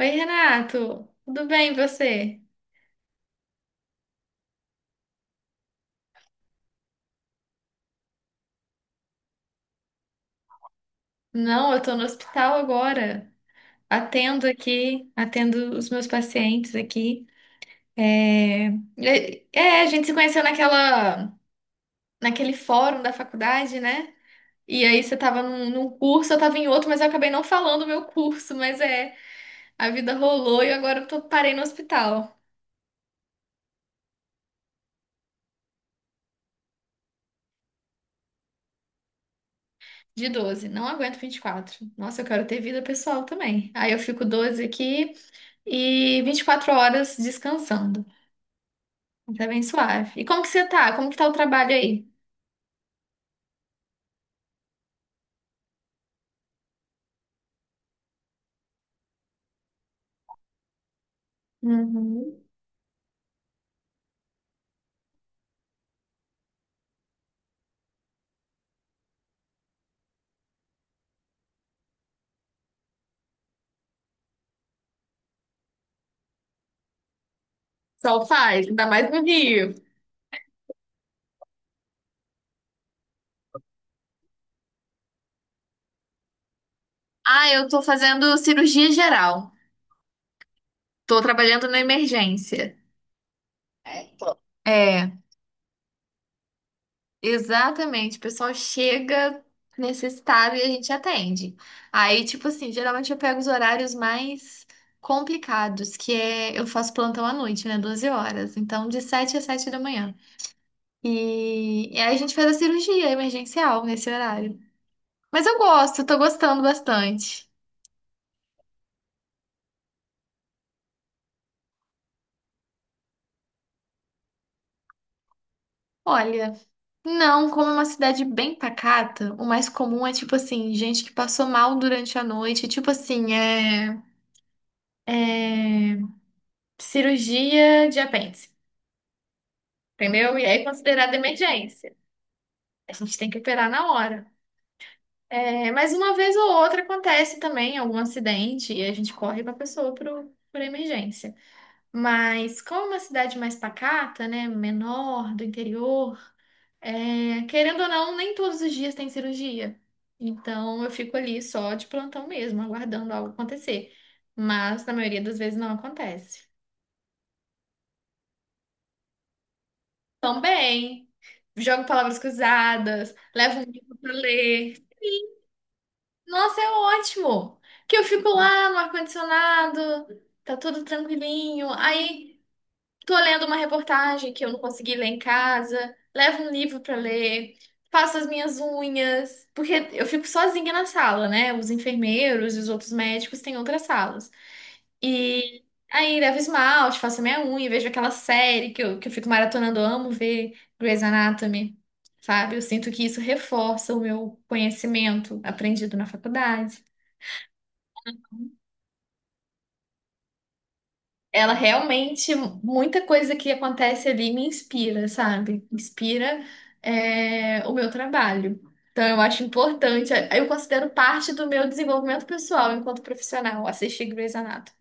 Oi, Renato, tudo bem e você? Não, eu tô no hospital agora, atendo aqui, atendo os meus pacientes aqui. É, a gente se conheceu naquele fórum da faculdade, né? E aí você tava num curso, eu tava em outro, mas eu acabei não falando o meu curso, mas é, a vida rolou e agora parei no hospital. De 12, não aguento 24. Nossa, eu quero ter vida pessoal também. Aí eu fico 12 aqui e 24 horas descansando. Tá bem suave. E como que você tá? Como que tá o trabalho aí? Uhum. Sol faz, ainda mais no Rio. Ah, eu tô fazendo cirurgia geral. Tô trabalhando na emergência. É, então. É, exatamente. O pessoal chega necessitado e a gente atende. Aí, tipo assim, geralmente eu pego os horários mais complicados, que é eu faço plantão à noite, né? 12 horas. Então, de 7 às 7 da manhã. E aí a gente faz a cirurgia emergencial nesse horário. Mas eu gosto, tô gostando bastante. Olha, não, como é uma cidade bem pacata, o mais comum é tipo assim, gente que passou mal durante a noite, tipo assim, é cirurgia de apêndice, entendeu? E aí é considerada emergência. A gente tem que operar na hora. É, mas uma vez ou outra acontece também algum acidente e a gente corre com a pessoa pra emergência. Mas como é uma cidade mais pacata, né, menor, do interior, é, querendo ou não, nem todos os dias tem cirurgia. Então eu fico ali só de plantão mesmo, aguardando algo acontecer. Mas na maioria das vezes não acontece. Também jogo palavras cruzadas, levo um livro para ler. Nossa, é ótimo! Que eu fico lá no ar-condicionado, tá tudo tranquilinho. Aí tô lendo uma reportagem que eu não consegui ler em casa, levo um livro pra ler, faço as minhas unhas, porque eu fico sozinha na sala, né? Os enfermeiros e os outros médicos têm outras salas. E aí levo esmalte, faço a minha unha, vejo aquela série que eu fico maratonando, eu amo ver Grey's Anatomy, sabe? Eu sinto que isso reforça o meu conhecimento aprendido na faculdade. Ela realmente, muita coisa que acontece ali me inspira, sabe? Inspira, é, o meu trabalho. Então, eu acho importante, é, eu considero parte do meu desenvolvimento pessoal enquanto profissional, assistir Grey's Anatomy.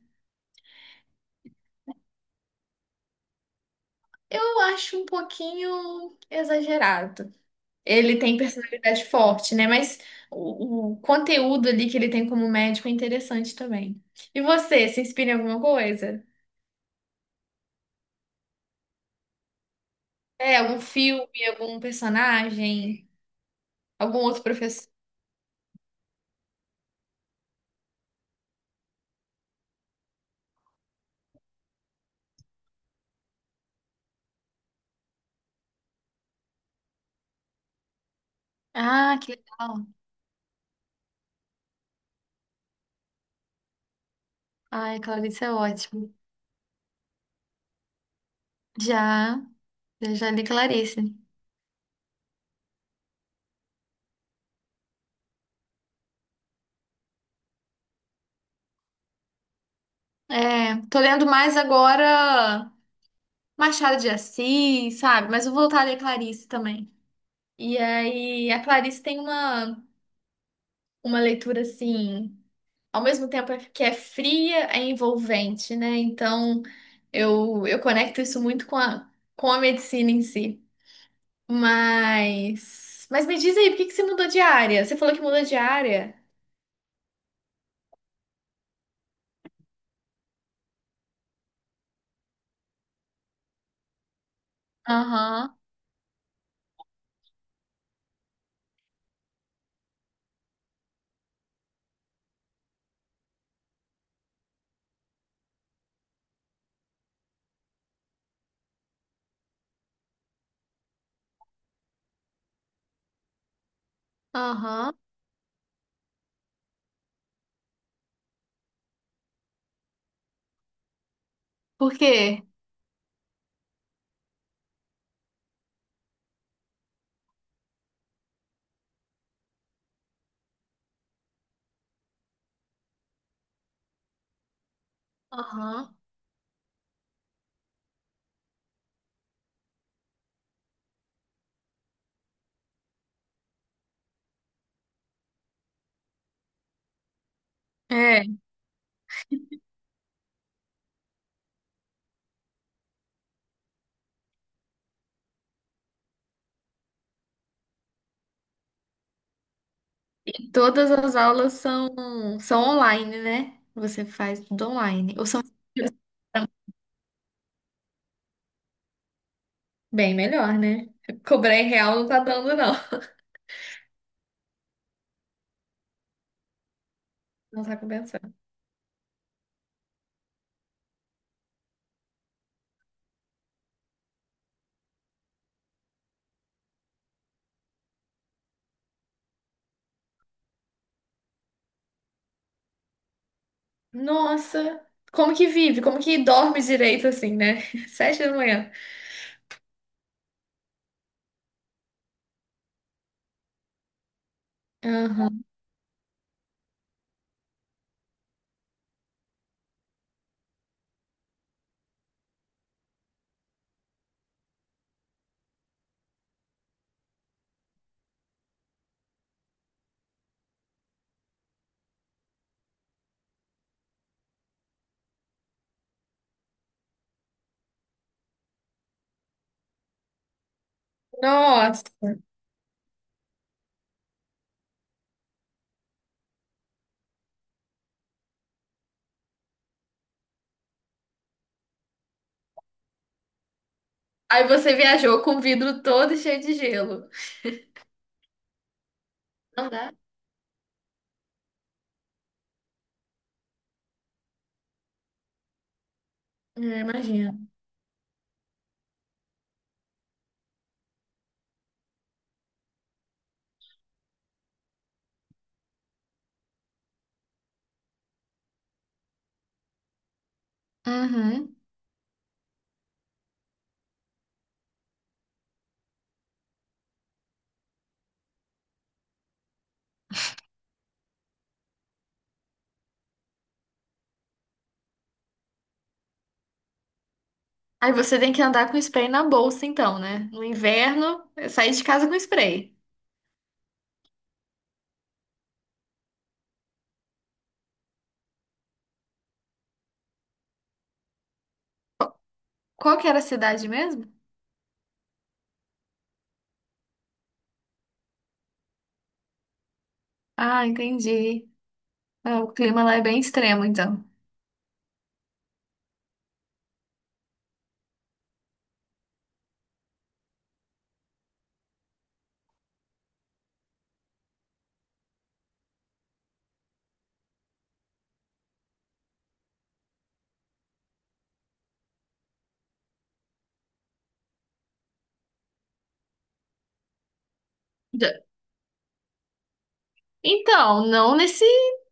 Eu acho um pouquinho exagerado. Ele tem personalidade forte, né? Mas o conteúdo ali que ele tem como médico é interessante também. E você, se inspira em alguma coisa? É, algum filme, algum personagem, algum outro. Ah, que legal. Ai, Clarice é ótimo. Já, eu já li Clarice. É, tô lendo mais agora Machado de Assis, sabe? Mas eu vou voltar a ler Clarice também. E aí, a Clarice tem uma leitura assim, ao mesmo tempo que é fria, é envolvente, né? Então, eu conecto isso muito com a medicina em si. Mas me diz aí, por que que você mudou de área? Você falou que mudou de área? Aham, aham. Por quê? Aham. É, todas as aulas são online, né? Você faz tudo online. Ou são bem melhor, né? Cobrar em real não tá dando, não. Não tá compensando. Nossa, como que vive? Como que dorme direito assim, né? 7 da manhã. Aham. Nossa. Aí você viajou com o vidro todo cheio de gelo. Não dá? É, imagina. Uhum. Aí você tem que andar com spray na bolsa, então, né? No inverno, é sair de casa com spray. Qual que era a cidade mesmo? Ah, entendi. Ah, o clima lá é bem extremo, então. Já- Então, não nesse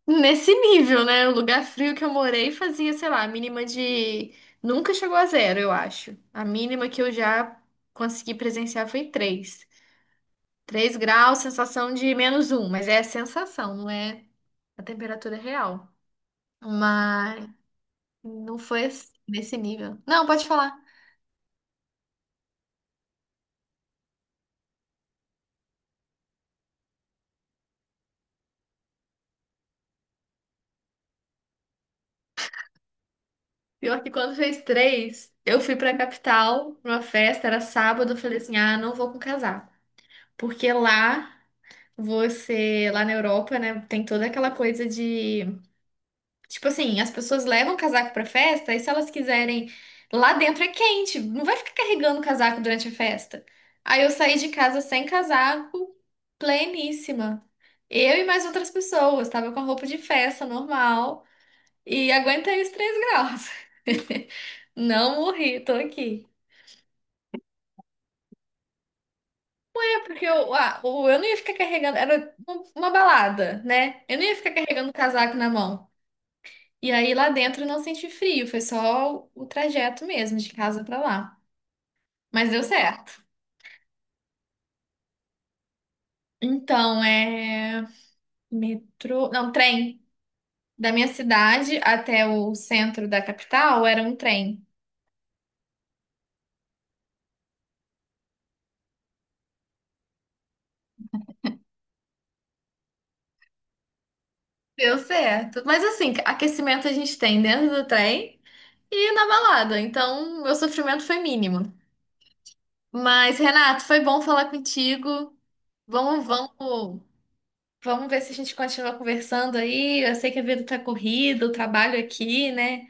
nesse nível, né? O lugar frio que eu morei fazia, sei lá, a mínima de, nunca chegou a zero, eu acho. A mínima que eu já consegui presenciar foi 3, 3 graus, sensação de -1, mas é a sensação, não é a temperatura real. Mas não foi assim, nesse nível. Não, pode falar. Pior que quando fez 3, eu fui pra capital, pra uma festa, era sábado, eu falei assim, ah, não vou com casaco. Porque lá, você, lá na Europa, né, tem toda aquela coisa de, tipo assim, as pessoas levam casaco pra festa, e se elas quiserem, lá dentro é quente, não vai ficar carregando casaco durante a festa. Aí eu saí de casa sem casaco, pleníssima. Eu e mais outras pessoas, tava com a roupa de festa normal. E aguentei os 3 graus. Não morri, tô aqui. É porque eu, ah, eu não ia ficar carregando, era uma balada, né? Eu não ia ficar carregando o casaco na mão. E aí lá dentro eu não senti frio, foi só o trajeto mesmo, de casa pra lá. Mas deu certo. Então, é metrô, não, trem. Da minha cidade até o centro da capital era um trem. Deu certo. Mas assim, aquecimento a gente tem dentro do trem. E na balada, então meu sofrimento foi mínimo. Mas, Renato, foi bom falar contigo. Vamos, vamos, vamos ver se a gente continua conversando aí. Eu sei que a vida tá corrida, o trabalho aqui, né,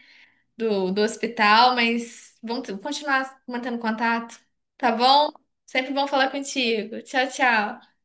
do hospital, mas vamos continuar mantendo contato, tá bom? Sempre bom falar contigo. Tchau, tchau.